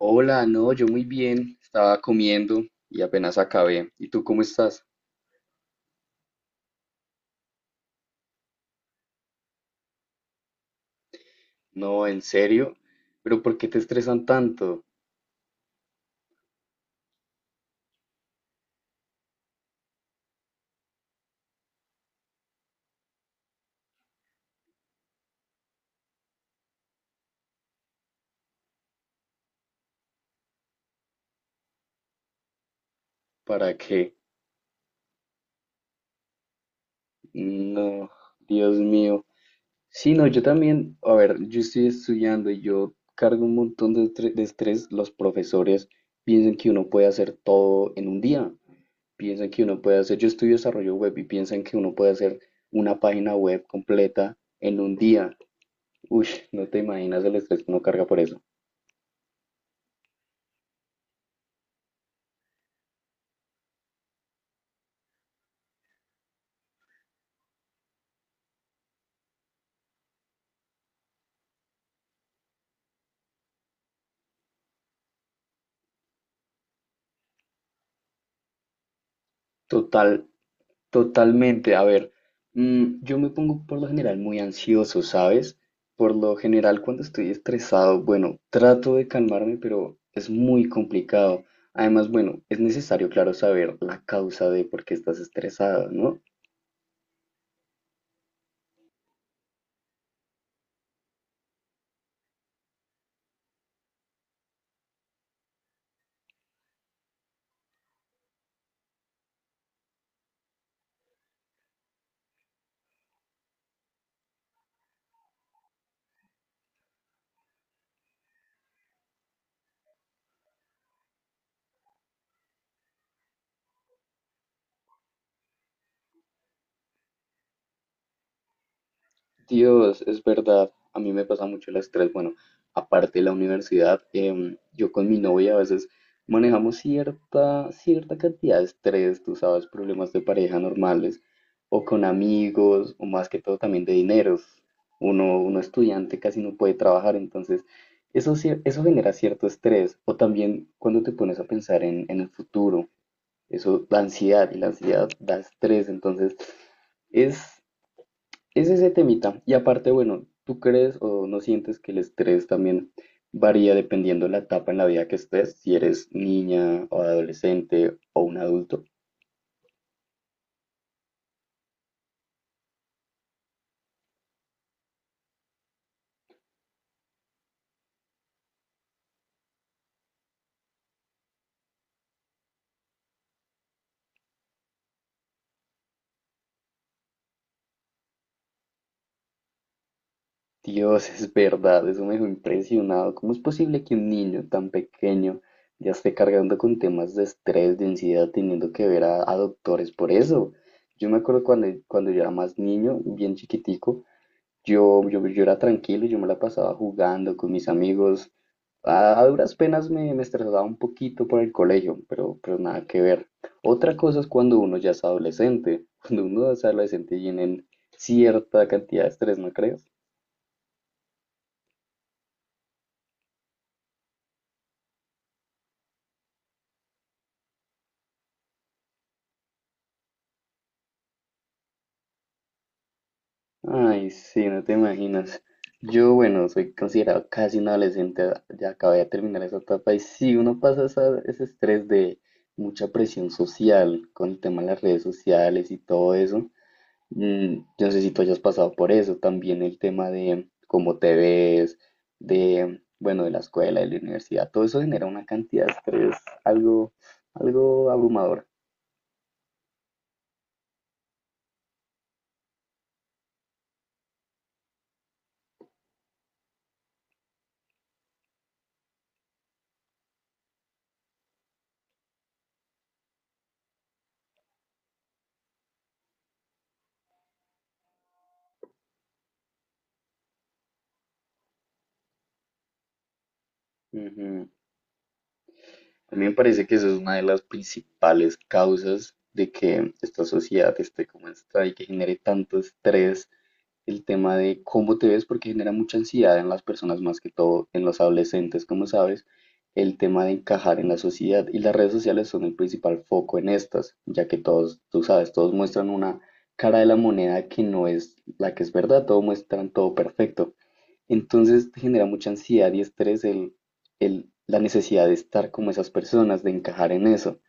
Hola, no, yo muy bien, estaba comiendo y apenas acabé. ¿Y tú cómo estás? No, en serio, pero ¿por qué te estresan tanto? ¿Para qué? No, Dios mío. Sí, no, yo también, a ver, yo estoy estudiando y yo cargo un montón de de estrés. Los profesores piensan que uno puede hacer todo en un día, piensan que uno puede hacer, yo estudio desarrollo web y piensan que uno puede hacer una página web completa en un día. Uy, no te imaginas el estrés que uno carga por eso. Total, totalmente. A ver, yo me pongo por lo general muy ansioso, ¿sabes? Por lo general cuando estoy estresado, bueno, trato de calmarme, pero es muy complicado. Además, bueno, es necesario, claro, saber la causa de por qué estás estresado, ¿no? Dios, es verdad. A mí me pasa mucho el estrés. Bueno, aparte de la universidad, yo con mi novia a veces manejamos cierta cantidad de estrés, tú sabes, problemas de pareja normales, o con amigos, o más que todo también de dineros. Uno estudiante casi no puede trabajar, entonces eso, eso genera cierto estrés. O también cuando te pones a pensar en el futuro, eso da ansiedad y la ansiedad da estrés, entonces... Es, es ese temita. Y aparte, bueno, ¿tú crees o no sientes que el estrés también varía dependiendo de la etapa en la vida que estés? Si eres niña o adolescente o un adulto. Dios, es verdad, eso me dejó impresionado. ¿Cómo es posible que un niño tan pequeño ya esté cargando con temas de estrés, de ansiedad, teniendo que ver a doctores por eso? Yo me acuerdo cuando yo era más niño, bien chiquitico, yo era tranquilo, yo me la pasaba jugando con mis amigos. A duras penas me estresaba un poquito por el colegio, pero nada que ver. Otra cosa es cuando uno ya es adolescente. Cuando uno es adolescente tienen cierta cantidad de estrés, ¿no crees? Ay, sí, no te imaginas. Yo, bueno, soy considerado casi un adolescente, ya acabé de terminar esa etapa y sí, uno pasa ese estrés de mucha presión social con el tema de las redes sociales y todo eso. No sé si tú hayas pasado por eso, también el tema de cómo te ves, de, bueno, de la escuela, de la universidad, todo eso genera una cantidad de estrés, algo, algo abrumador. Ujú. A mí me parece que eso es una de las principales causas de que esta sociedad esté como está y que genere tanto estrés el tema de cómo te ves, porque genera mucha ansiedad en las personas, más que todo en los adolescentes, como sabes, el tema de encajar en la sociedad. Y las redes sociales son el principal foco en estas, ya que todos, tú sabes, todos muestran una cara de la moneda que no es la que es verdad, todos muestran todo perfecto. Entonces te genera mucha ansiedad y estrés la necesidad de estar como esas personas, de encajar en eso.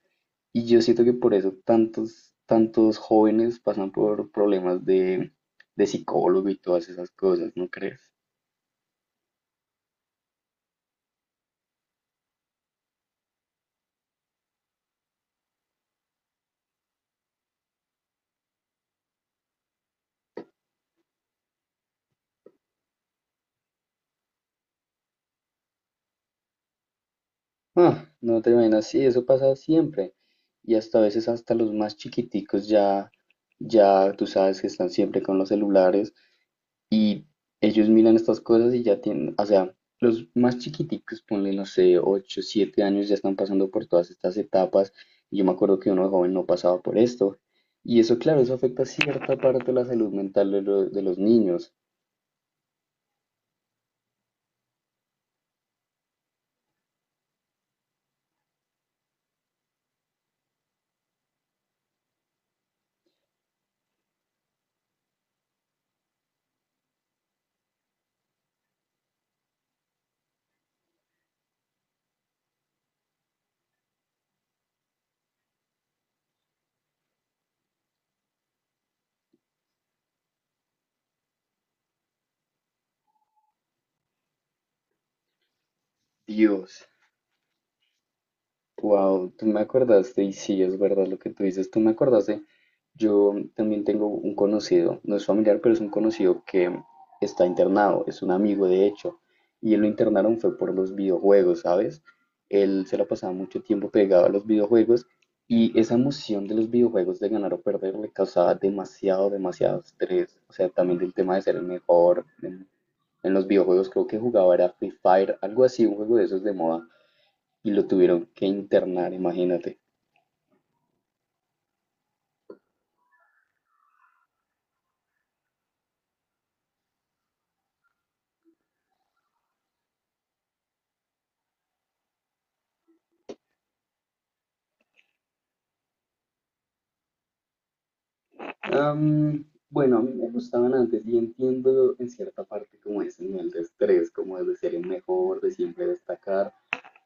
Y yo siento que por eso tantos jóvenes pasan por problemas de psicólogo y todas esas cosas, ¿no crees? Ah, no te imaginas, sí, eso pasa siempre. Y hasta a veces hasta los más chiquiticos ya, ya tú sabes que están siempre con los celulares. Y ellos miran estas cosas y ya tienen, o sea, los más chiquiticos, ponle, no sé, 8 7 años, ya están pasando por todas estas etapas. Y yo me acuerdo que uno de joven no pasaba por esto. Y eso, claro, eso afecta cierta parte de la salud mental de los niños. Dios. Wow, tú me acordaste, y sí, es verdad lo que tú dices, tú me acordaste. Yo también tengo un conocido, no es familiar, pero es un conocido que está internado, es un amigo de hecho, y él lo internaron fue por los videojuegos, ¿sabes? Él se la pasaba mucho tiempo pegado a los videojuegos y esa emoción de los videojuegos de ganar o perder le causaba demasiado estrés. O sea, también del tema de ser el mejor en los videojuegos, creo que jugaba era Free Fire, algo así, un juego de esos de moda y lo tuvieron que internar, imagínate. Am, bueno, a mí me gustaban antes y entiendo en cierta parte como ese nivel de estrés, como es de ser el mejor, de siempre destacar,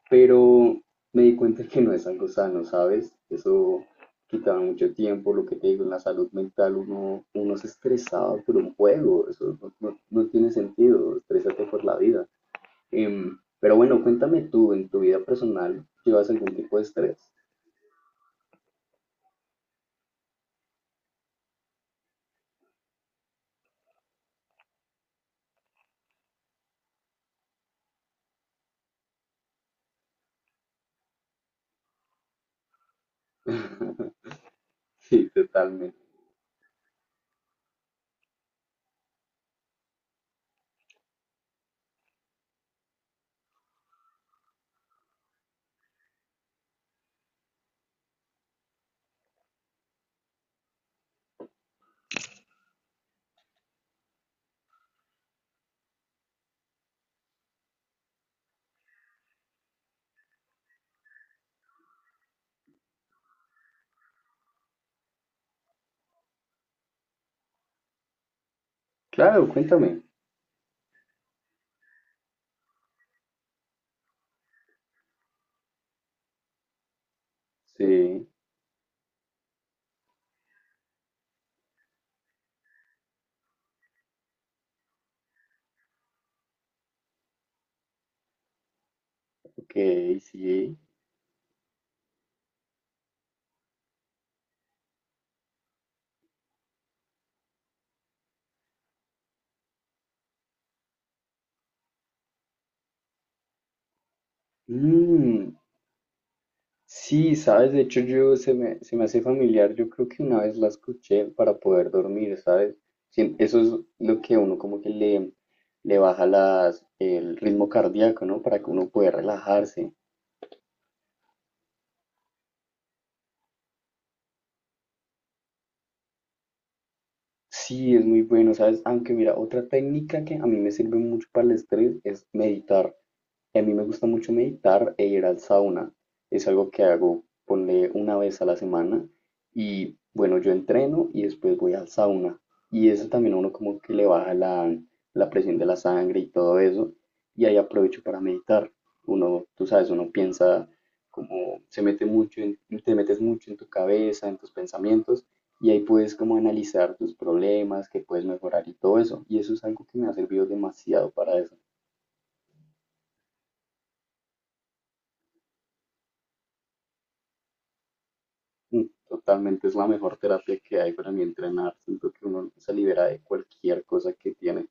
pero me di cuenta que no es algo sano, ¿sabes? Eso quitaba mucho tiempo, lo que te digo, en la salud mental uno se estresaba por un juego, eso no, no tiene sentido, estrésate por la vida. Pero bueno, cuéntame tú, en tu vida personal, ¿llevas algún tipo de estrés? Sí, totalmente. Claro, cuéntame. Sí, ok, sí. Mm, sí, sabes, de hecho yo se me hace familiar, yo creo que una vez la escuché para poder dormir, ¿sabes? Sí, eso es lo que uno como que le baja el ritmo cardíaco, ¿no? Para que uno pueda relajarse. Sí, es muy bueno, ¿sabes? Aunque mira, otra técnica que a mí me sirve mucho para el estrés es meditar. Y a mí me gusta mucho meditar e ir al sauna. Es algo que hago, ponle una vez a la semana. Y bueno, yo entreno y después voy al sauna. Y eso también a uno como que le baja la presión de la sangre y todo eso. Y ahí aprovecho para meditar. Uno, tú sabes, uno piensa como se mete mucho te metes mucho en tu cabeza, en tus pensamientos. Y ahí puedes como analizar tus problemas, que puedes mejorar y todo eso. Y eso es algo que me ha servido demasiado para desarrollar. Mm, Totalmente es la mejor terapia que hay para mí entrenar. Siento que uno se libera de cualquier cosa que tiene.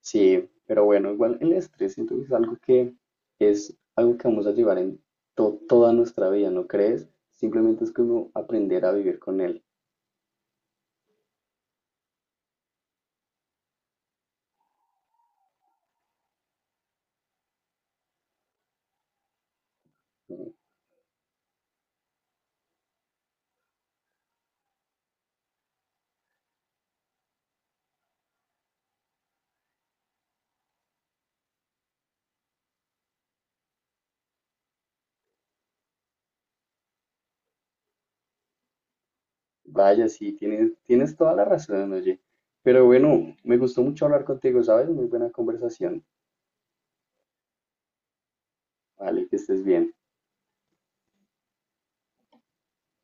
Sí, pero bueno, igual el estrés siento que es algo que vamos a llevar en toda nuestra vida, ¿no crees? Simplemente es como aprender a vivir con él. Mm, Vaya, sí, tienes toda la razón, oye. Pero bueno, me gustó mucho hablar contigo, ¿sabes? Muy buena conversación. Vale, que estés bien.